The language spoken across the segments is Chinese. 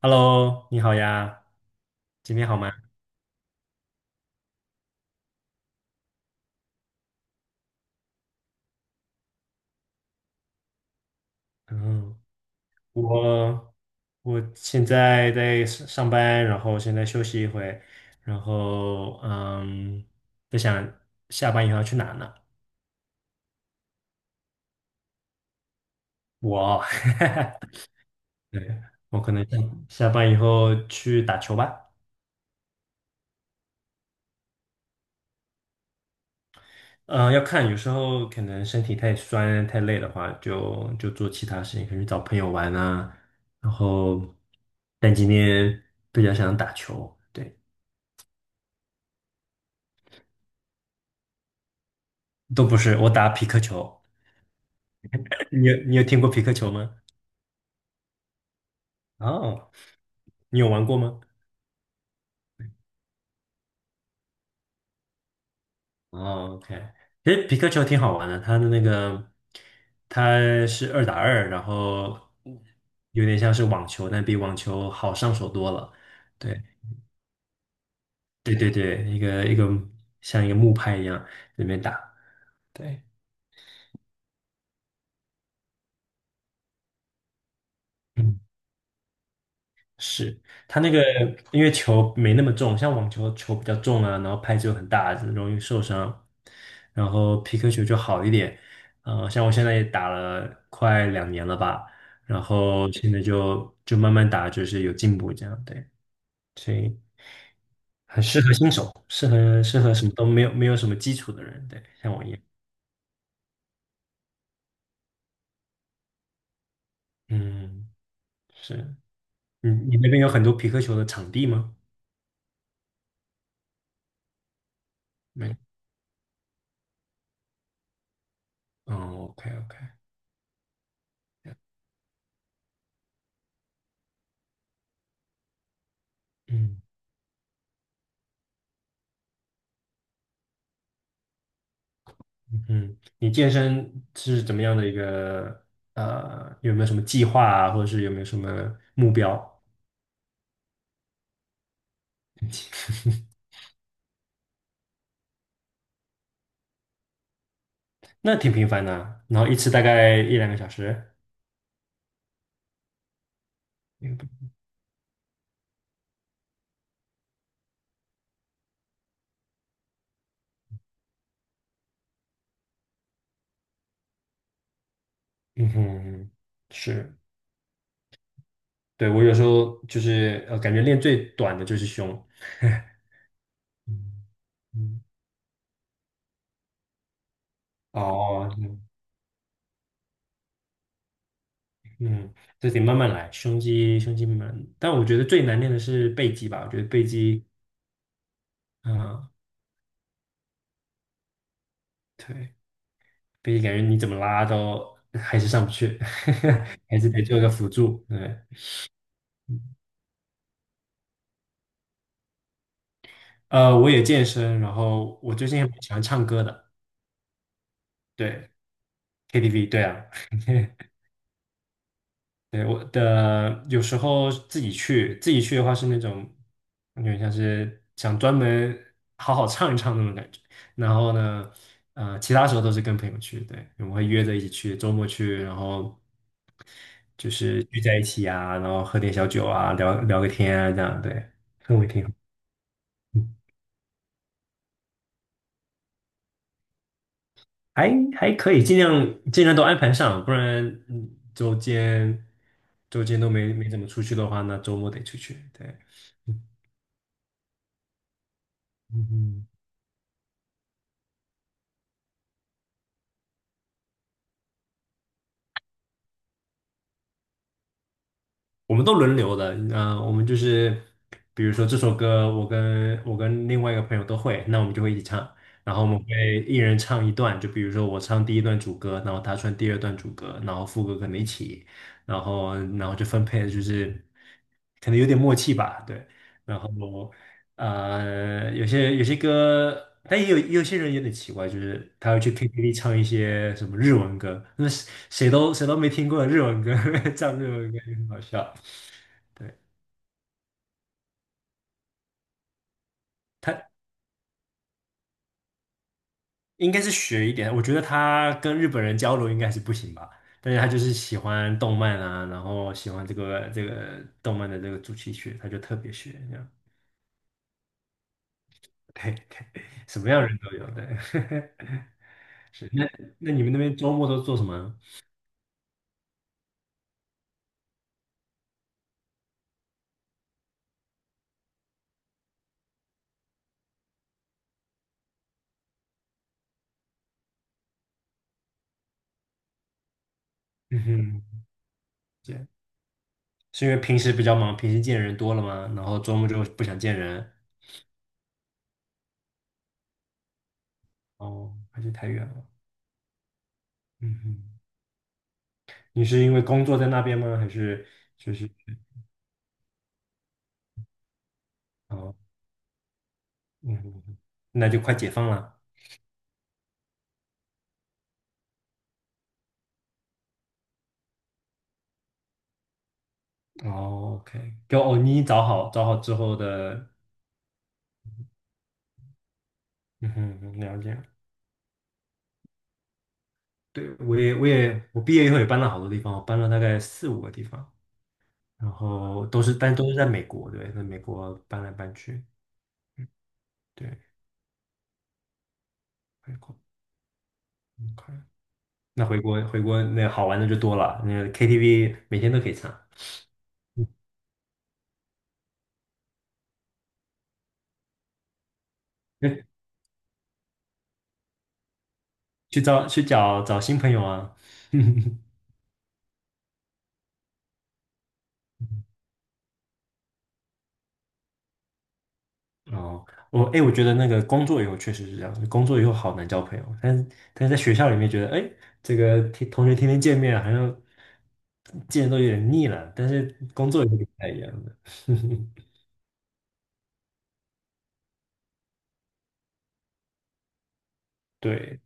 Hello，你好呀，今天好吗？嗯，我我现在在上班，然后现在休息一会，然后在想下班以后要去哪呢？我，对，我可能下班以后去打球吧。嗯、要看，有时候可能身体太酸太累的话，就做其他事情，可能去找朋友玩啊。然后，但今天比较想打球，对。都不是，我打皮克球。你有听过皮克球吗？哦，你有玩过吗？哦，OK,其实皮克球挺好玩的，它的那个它是2打2，然后有点像是网球，但比网球好上手多了。对对对对，一个像一个木拍一样里面打。对，嗯。是它那个，因为球没那么重，像网球比较重啊，然后拍子又很大，容易受伤。然后皮克球就好一点，像我现在也打了快2年了吧，然后现在就慢慢打，就是有进步这样，对，所以很适合新手，适合什么都没有什么基础的人，对，像我一样，嗯，是，你那边有很多皮克球的场地吗？没，哦，OK OK，嗯。嗯，你健身是怎么样的一个有没有什么计划啊，或者是有没有什么目标？那挺频繁的啊然后一次大概一两个小时。嗯嗯哼，是，对，我有时候就是感觉练最短的就是胸。嗯嗯哦，嗯，这得慢慢来，胸肌慢慢，但我觉得最难练的是背肌吧，我觉得背肌，嗯，对。毕竟感觉你怎么拉都还是上不去，还是得做个辅助。对，我也健身，然后我最近也蛮喜欢唱歌的，对，KTV，对啊，对我的有时候自己去的话是那种有点像是想专门好好唱一唱那种感觉。然后呢，其他时候都是跟朋友去，对，我们会约着一起去，周末去，然后就是聚在一起啊，然后喝点小酒啊，聊聊个天啊，这样，对，氛围挺好。还还可以，尽量都安排上，不然周间都没怎么出去的话，那周末得出去。对，嗯嗯。我们都轮流的，我们就是比如说这首歌，我跟另外一个朋友都会，那我们就会一起唱，然后我们会一人唱一段，就比如说我唱第一段主歌，然后他唱第二段主歌，然后副歌可能一起，然后就分配，就是可能有点默契吧，对，然后有些歌。但也有些人有点奇怪，就是他会去 KTV 唱一些什么日文歌，那谁都没听过的日文歌，唱日文歌也很好笑。对，他应该是学一点，我觉得他跟日本人交流应该是不行吧，但是他就是喜欢动漫啊，然后喜欢这个动漫的这个主题曲，他就特别学这样。对对，什么样的人都有，对，是。那你们那边周末都做什么？嗯哼，这样是因为平时比较忙，平时见人多了吗？然后周末就不想见人，哦，还是太远了。嗯哼，你是因为工作在那边吗？还是就是哦，嗯哼，那就快解放了。哦，OK，就哦，你找好之后的，嗯哼，了解。对，我毕业以后也搬了好多地方，我搬了大概四五个地方，然后但都是在美国，对，在美国搬来搬去，嗯，对，回国，OK，那回国那好玩的就多了，那 KTV 每天都可以唱，嗯去找新朋友啊，哦，我哎、诶我觉得那个工作以后确实是这样，工作以后好难交朋友，但是在学校里面觉得，哎、这个天同学天天见面，好像见都有点腻了，但是工作以后就不太一样了。对，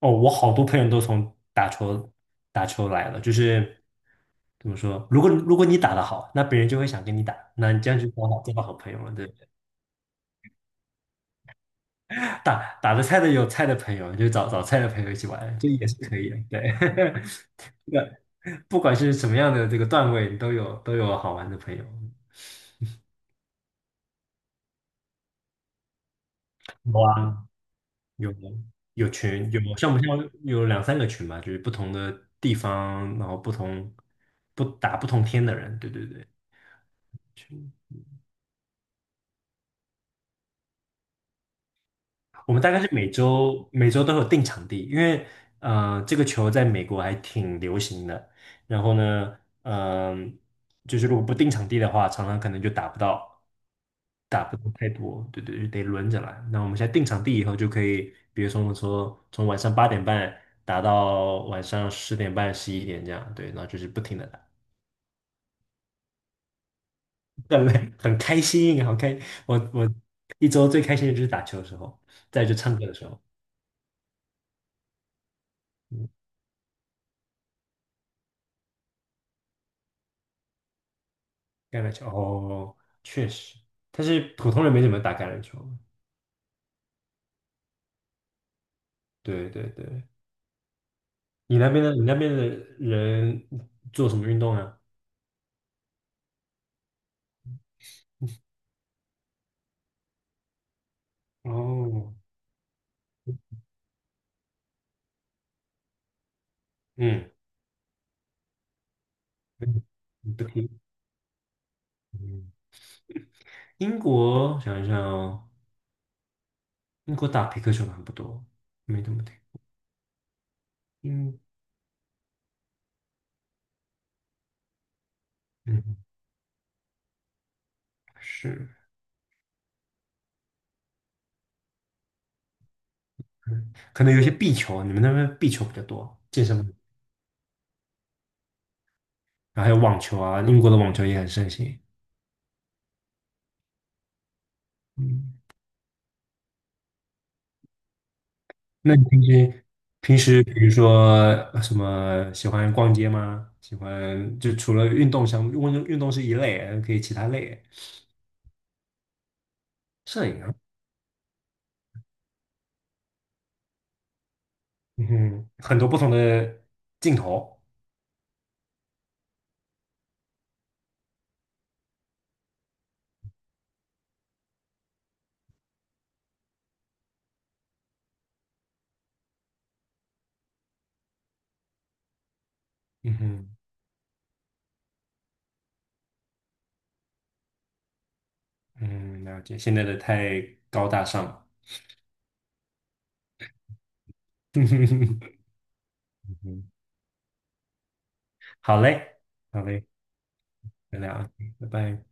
哦，我好多朋友都从打球来了，就是怎么说，如果你打得好，那别人就会想跟你打，那你这样就刚好交到好朋友了，对，不对？打得菜的有菜的朋友，就找菜的朋友一起玩，这也是可以的，对。不管是什么样的这个段位，都有好玩的朋友。有啊，有有群，有像我们现在有两三个群吧，就是不同的地方，然后不同天的人，对对对，群。我们大概是每周都有定场地，因为这个球在美国还挺流行的，然后呢，就是如果不定场地的话，常常可能就打不到，打不到太多，对对，就得轮着来。那我们现在定场地以后就可以，比如说我们说从晚上8点半打到晚上10点半、11点这样，对，然后就是不停的打，很累，很开心，好开。我一周最开心的就是打球的时候，再就唱歌的时候，嗯，橄榄球哦，确实，但是普通人没怎么打橄榄球。对对对，你那边的人做什么运动啊？哦，嗯，嗯，你不听，嗯英国想一想，哦，英国打皮克球的还不多，没怎么听。英嗯是，嗯，可能有一些壁球啊，你们那边壁球比较多，健身房，然后还有网球啊，英国的网球也很盛行。嗯，那你平时比如说什么喜欢逛街吗？喜欢就除了运动项目，运动是一类，还可以其他类。摄影啊，很多不同的镜头，嗯哼，嗯，了解。现在的太高大上了。哼哼哼好嘞，好嘞，再聊啊，拜拜。